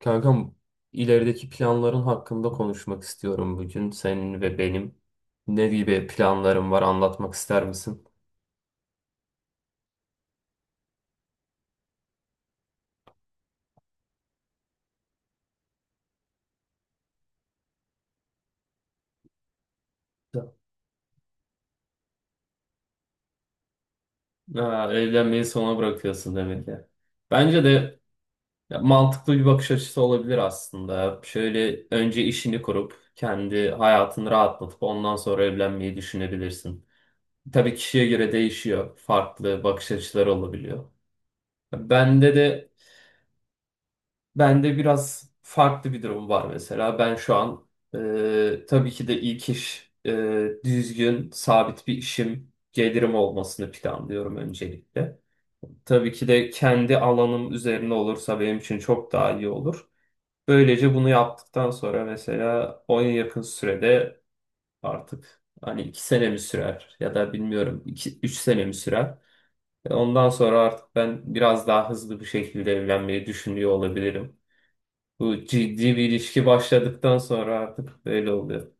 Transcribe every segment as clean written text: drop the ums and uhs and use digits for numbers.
Kankam, ilerideki planların hakkında konuşmak istiyorum bugün senin ve benim. Ne gibi planların var, anlatmak ister misin? Ha, evlenmeyi sona bırakıyorsun demek ya. Bence de ya, mantıklı bir bakış açısı olabilir aslında. Şöyle önce işini kurup kendi hayatını rahatlatıp ondan sonra evlenmeyi düşünebilirsin. Tabii kişiye göre değişiyor. Farklı bakış açıları olabiliyor. Bende de Bende biraz farklı bir durum var mesela. Ben şu an tabii ki de ilk iş düzgün, sabit bir işim, gelirim olmasını planlıyorum öncelikle. Tabii ki de kendi alanım üzerine olursa benim için çok daha iyi olur. Böylece bunu yaptıktan sonra mesela 10 yakın sürede, artık hani 2 sene mi sürer ya da bilmiyorum 2 3 sene mi sürer. Ondan sonra artık ben biraz daha hızlı bir şekilde evlenmeyi düşünüyor olabilirim. Bu ciddi bir ilişki başladıktan sonra artık böyle oluyor.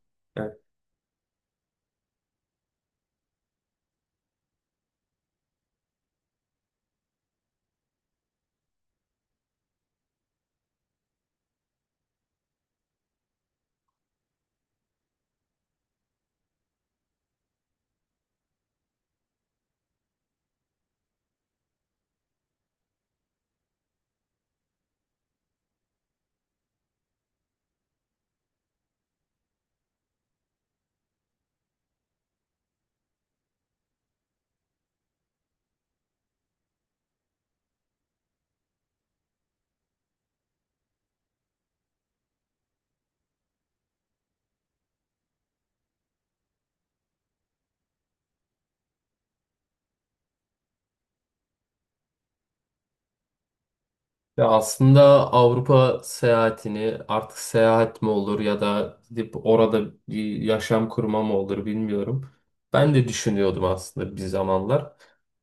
Ya aslında Avrupa seyahatini, artık seyahat mi olur ya da gidip orada bir yaşam kurma mı olur bilmiyorum. Ben de düşünüyordum aslında bir zamanlar.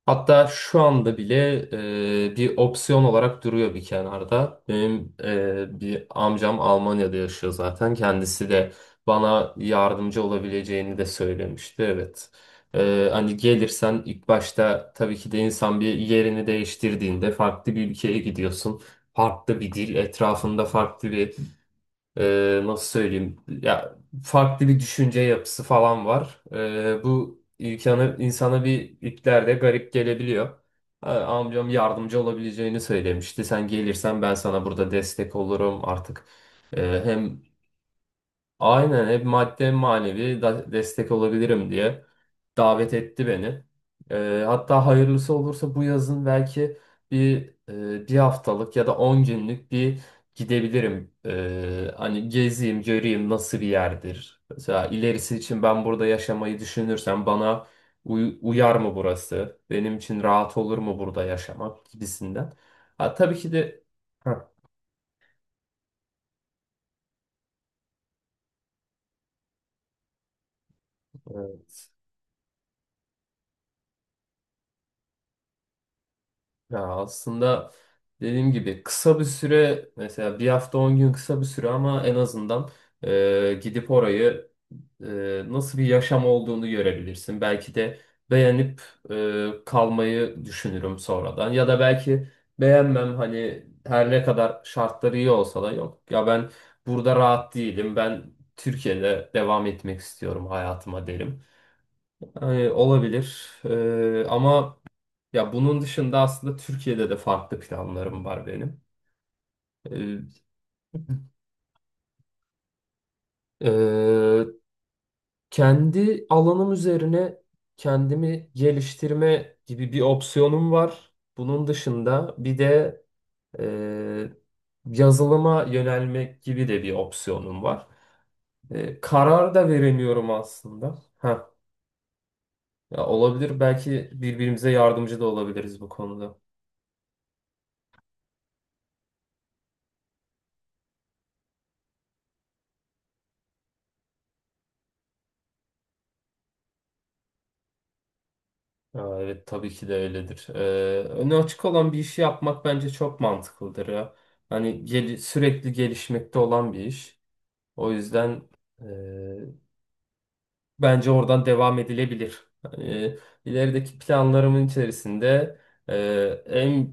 Hatta şu anda bile bir opsiyon olarak duruyor bir kenarda. Benim bir amcam Almanya'da yaşıyor zaten. Kendisi de bana yardımcı olabileceğini de söylemişti. Evet. Hani gelirsen ilk başta, tabii ki de insan bir yerini değiştirdiğinde farklı bir ülkeye gidiyorsun, farklı bir dil, etrafında farklı bir, nasıl söyleyeyim ya, farklı bir düşünce yapısı falan var. Bu insanı insana bir iplerde garip gelebiliyor. Ha, amcam yardımcı olabileceğini söylemişti. Sen gelirsen ben sana burada destek olurum artık. E, hem Aynen, hep madde manevi destek olabilirim diye davet etti beni. Hatta hayırlısı olursa bu yazın belki bir haftalık ya da 10 günlük bir gidebilirim. Hani gezeyim, göreyim nasıl bir yerdir. Mesela ilerisi için ben burada yaşamayı düşünürsem bana uyar mı burası? Benim için rahat olur mu burada yaşamak gibisinden. Ha, tabii ki de. Heh, evet. Ya aslında dediğim gibi kısa bir süre, mesela bir hafta 10 gün, kısa bir süre ama en azından gidip orayı, nasıl bir yaşam olduğunu görebilirsin. Belki de beğenip kalmayı düşünürüm sonradan, ya da belki beğenmem, hani her ne kadar şartları iyi olsa da, yok ya ben burada rahat değilim, ben Türkiye'de devam etmek istiyorum hayatıma derim. Yani olabilir. Ama ya bunun dışında aslında Türkiye'de de farklı planlarım var benim. Ee, e, kendi alanım üzerine kendimi geliştirme gibi bir opsiyonum var. Bunun dışında bir de e, yazılıma yönelmek gibi de bir opsiyonum var. Karar da veremiyorum aslında. Ha, ya olabilir, belki birbirimize yardımcı da olabiliriz bu konuda. Aa, evet, tabii ki de öyledir. Önü açık olan bir işi yapmak bence çok mantıklıdır ya. Hani gel, sürekli gelişmekte olan bir iş. O yüzden e, bence oradan devam edilebilir. Hani, ilerideki planlarımın içerisinde e, en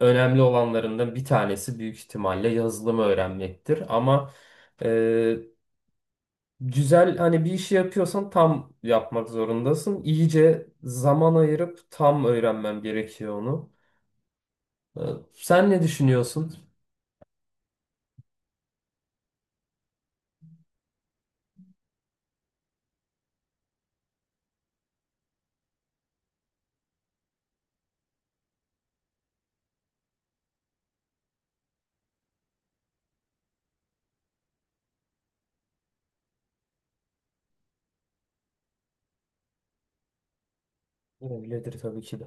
önemli olanlarından bir tanesi büyük ihtimalle yazılımı öğrenmektir. Güzel, hani bir işi yapıyorsan tam yapmak zorundasın. İyice zaman ayırıp tam öğrenmem gerekiyor onu. Ee, Sen ne düşünüyorsun? Öyledir tabii ki de.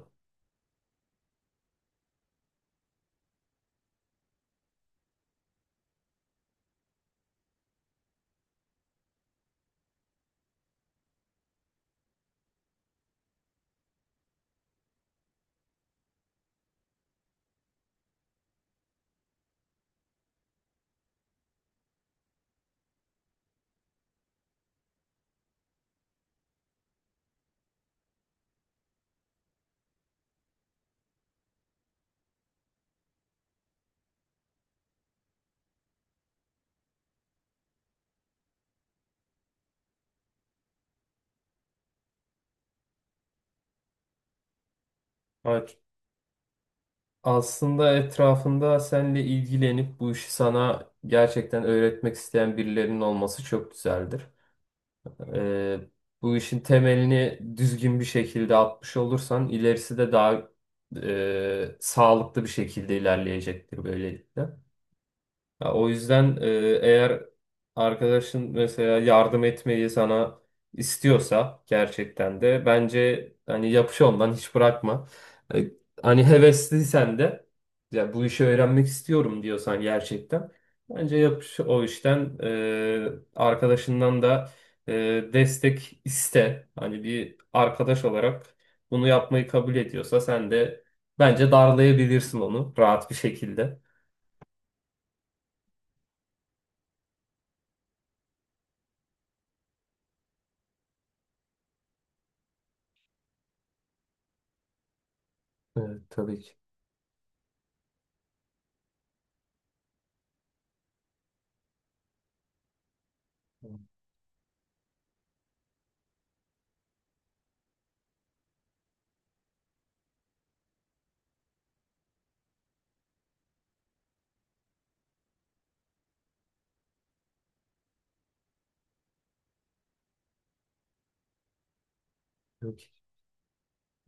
Evet. Aslında etrafında seninle ilgilenip bu işi sana gerçekten öğretmek isteyen birilerinin olması çok güzeldir. Ee, bu işin temelini düzgün bir şekilde atmış olursan ilerisi de daha sağlıklı bir şekilde ilerleyecektir böylelikle. Ya o yüzden eğer arkadaşın mesela yardım etmeyi sana istiyorsa gerçekten de, bence hani yapış ondan, hiç bırakma. E, hani hevesliysen de, ya bu işi öğrenmek istiyorum diyorsan gerçekten, bence yapış o işten, arkadaşından da e, destek iste. Hani bir arkadaş olarak bunu yapmayı kabul ediyorsa, sen de bence darlayabilirsin onu rahat bir şekilde. Evet, tabii ki. Yok.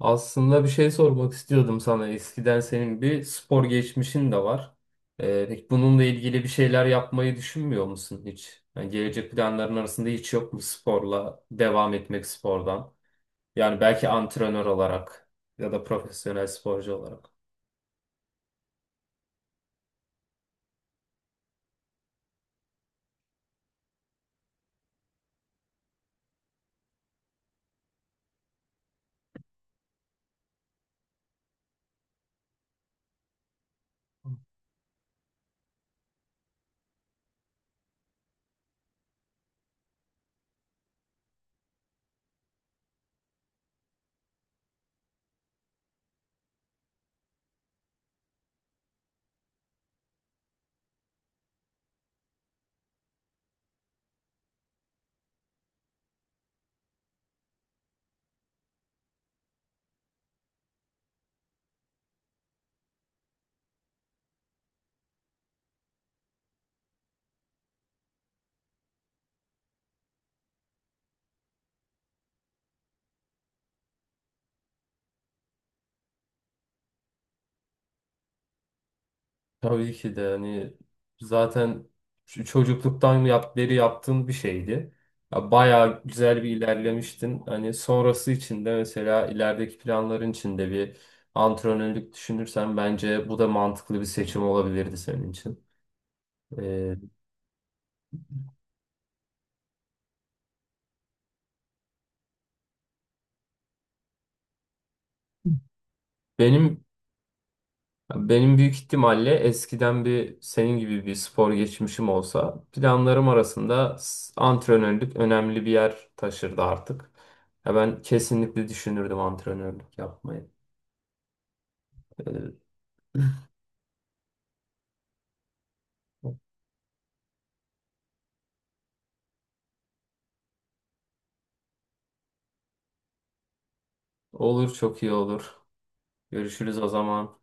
Aslında bir şey sormak istiyordum sana. Eskiden senin bir spor geçmişin de var. Peki bununla ilgili bir şeyler yapmayı düşünmüyor musun hiç? Yani gelecek planların arasında hiç yok mu sporla devam etmek, spordan? Yani belki antrenör olarak ya da profesyonel sporcu olarak. Tabii ki de, hani zaten çocukluktan beri yaptığın bir şeydi. Ya bayağı güzel bir ilerlemiştin. Hani sonrası için de, mesela ilerideki planların için de bir antrenörlük düşünürsen, bence bu da mantıklı bir seçim olabilirdi senin için. Ee, benim Ya benim büyük ihtimalle, eskiden bir senin gibi bir spor geçmişim olsa, planlarım arasında antrenörlük önemli bir yer taşırdı artık. Ya ben kesinlikle düşünürdüm antrenörlük yapmayı. Ee, olur, çok iyi olur. Görüşürüz o zaman.